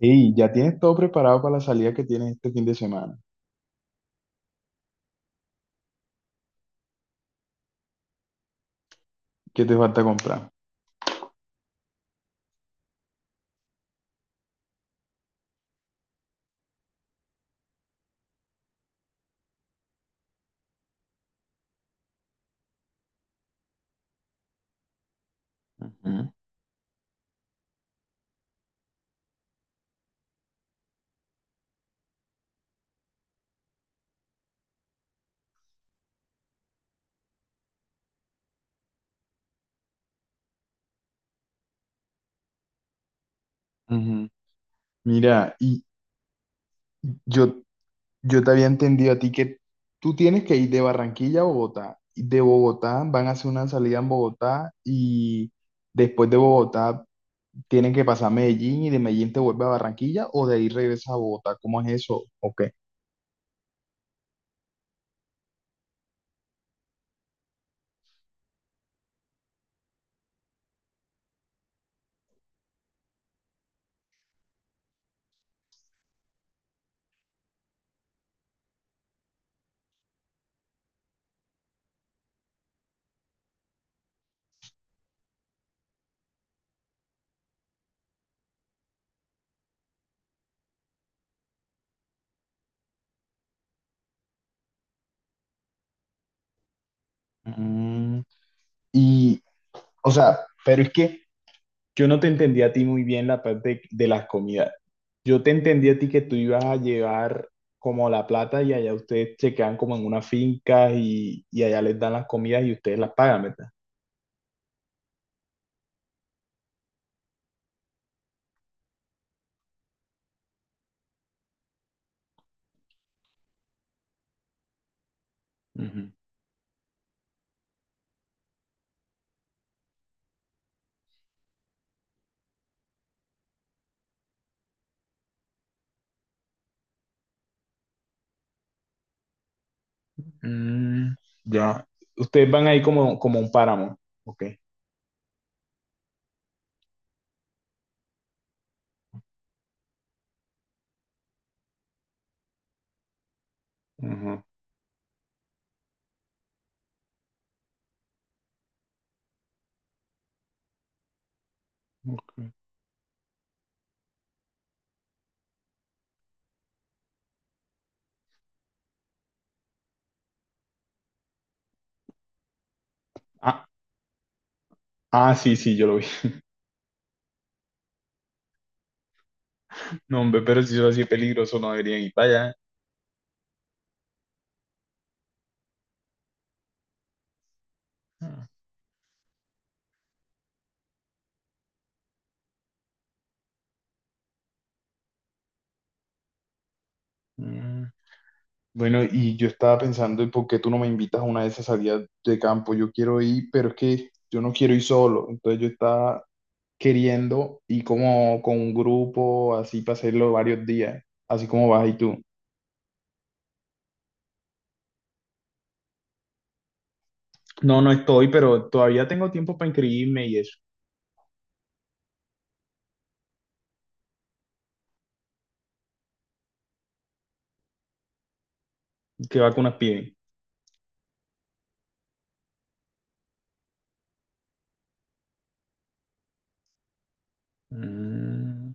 Y ya tienes todo preparado para la salida que tienes este fin de semana. ¿Qué te falta comprar? Ujú, ujú. Mira, y yo, yo te había entendido a ti que tú tienes que ir de Barranquilla a Bogotá. Y de Bogotá van a hacer una salida en Bogotá y después de Bogotá tienen que pasar a Medellín y de Medellín te vuelve a Barranquilla o de ahí regresas a Bogotá. ¿Cómo es eso? ¿O qué? Mm, y, o sea, pero es que yo no te entendí a ti muy bien la parte de las comidas. Yo te entendí a ti que tú ibas a llevar como la plata y allá ustedes se quedan como en una finca y allá les dan las comidas y ustedes las pagan, ¿verdad? Ujú. Mm, ya. Ustedes van ahí como, como un páramo. Ok. Ujú, ok. Ah, ah, sí, sí, yo lo vi. No, hombre, pero si eso así es peligroso, no debería ir para allá. Ah, mm. Bueno, y yo estaba pensando, ¿y por qué tú no me invitas a una de esas salidas de campo? Yo quiero ir, pero es que yo no quiero ir solo. Entonces yo estaba queriendo ir como con un grupo, así para hacerlo varios días, así como vas y tú. No, no estoy, pero todavía tengo tiempo para inscribirme y eso. ¿Qué vacunas piden? Mm.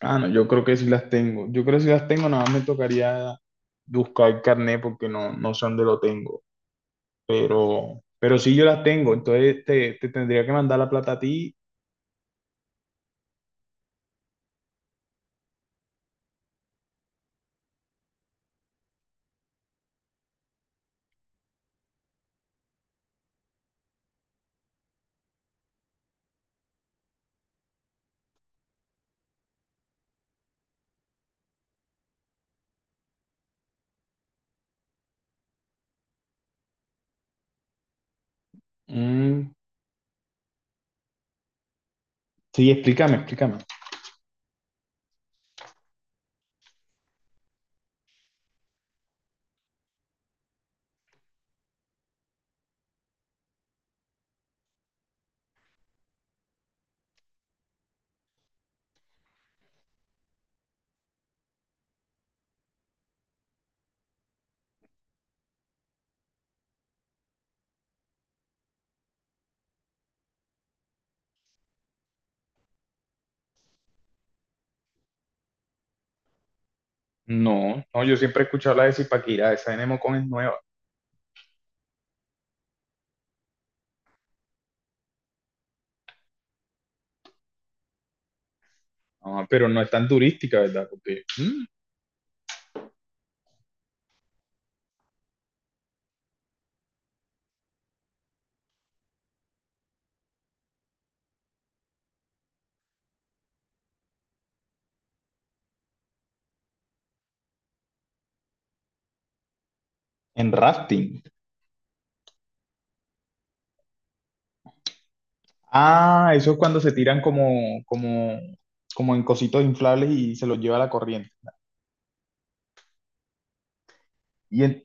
Ah, no, yo creo que sí las tengo. Yo creo que sí las tengo, nada más me tocaría buscar el carnet porque no, no sé dónde lo tengo. Pero sí yo las tengo, entonces te tendría que mandar la plata a ti. Mm, sí, explícame, explícame. No, no, yo siempre he escuchado la de Zipaquirá, esa de Nemocón es nueva. Ah, pero no es tan turística, ¿verdad? Porque, mm, en rafting. Ah, eso es cuando se tiran como, como, como en cositos inflables y se los lleva la corriente. Y en-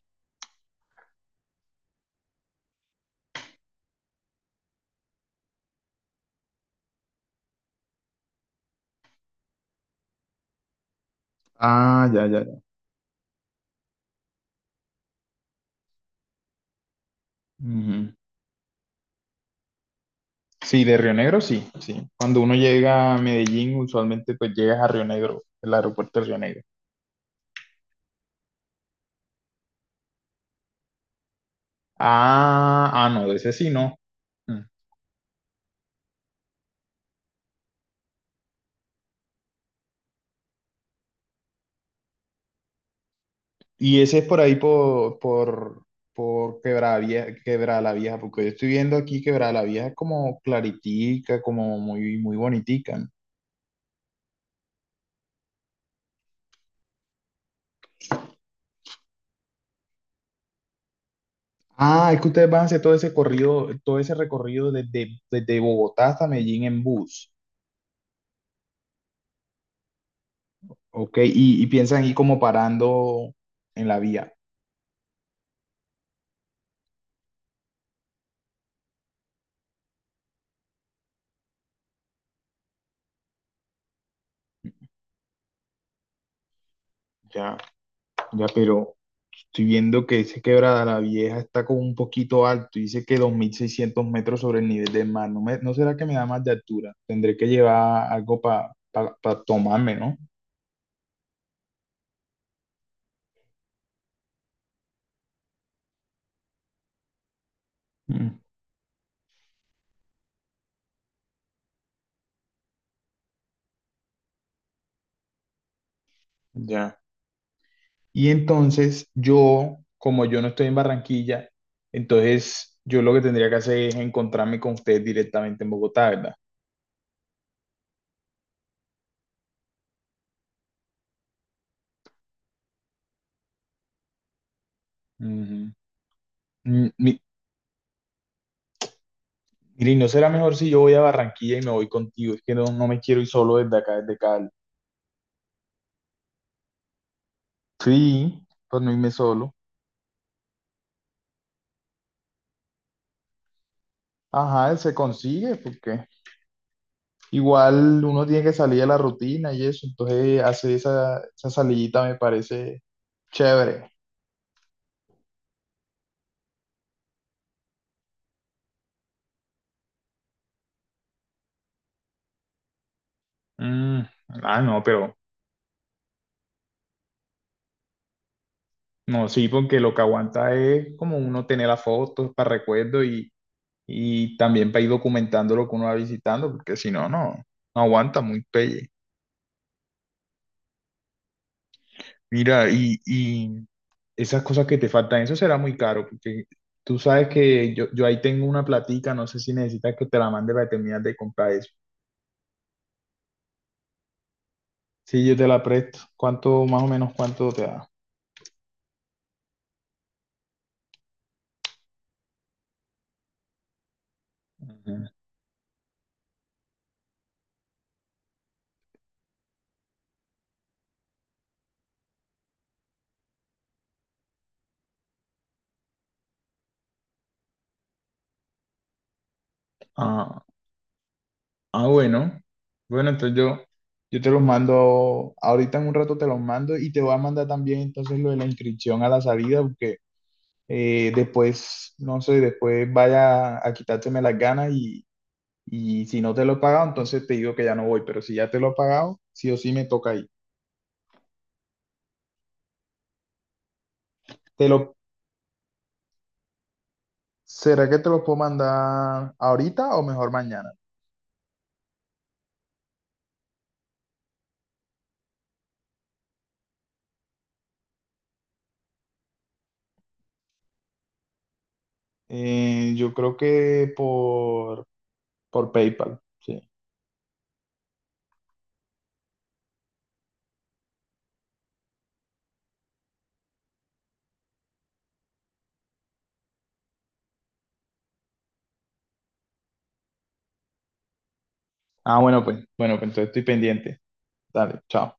Ah, ya, ya, ya. Ujú. Sí, de Río Negro, sí, sí. Cuando uno llega a Medellín, usualmente pues llegas a Río Negro, el aeropuerto de Río Negro. Ah, ah, no, de ese sí no. Mm. Y ese es por ahí por, por Quebrada Vieja, Quebrada la Vieja, porque yo estoy viendo aquí Quebrada la Vieja es como claritica, como muy, muy bonitica. ¿No? Ah, es que ustedes van a hacer todo ese recorrido desde, desde Bogotá hasta Medellín en bus, ¿ok? Y piensan ir como parando en la vía. Ya, ya, pero, estoy viendo que ese Quebrada la Vieja está como un poquito alto, dice que 2600 metros sobre el nivel del mar. No, me- no será que me da más de altura, tendré que llevar algo para tomarme, ¿no? Mm, ya. Y entonces yo, como yo no estoy en Barranquilla, entonces yo lo que tendría que hacer es encontrarme con ustedes directamente en Bogotá, ¿verdad? Ujú. Mm, mi- Mira, ¿y no será mejor si yo voy a Barranquilla y me voy contigo? Es que no, no me quiero ir solo desde acá, desde Cali. Sí, pues no irme solo. Ajá, se consigue porque igual uno tiene que salir de la rutina y eso, entonces hacer esa, esa salidita me parece chévere. Mm, ah, no, pero no, sí, porque lo que aguanta es como uno tener las fotos para recuerdo y también para ir documentando lo que uno va visitando, porque si no, no, no aguanta muy pelle. Mira, y esas cosas que te faltan, eso será muy caro, porque tú sabes que yo ahí tengo una platica, no sé si necesitas que te la mande para terminar de comprar eso. Sí, yo te la presto. ¿Cuánto, más o menos, cuánto te da? Ujú. Ah, ah, bueno. Bueno, entonces yo te los mando, ahorita en un rato te los mando y te voy a mandar también entonces lo de la inscripción a la salida, porque después, no sé, después vaya a quitárteme las ganas y si no te lo he pagado, entonces te digo que ya no voy, pero si ya te lo he pagado, sí o sí me toca ir. Te lo, ¿será que te lo puedo mandar ahorita o mejor mañana? Yo creo que por... Por PayPal, sí. Ah, bueno, pues entonces estoy pendiente. Dale, chao.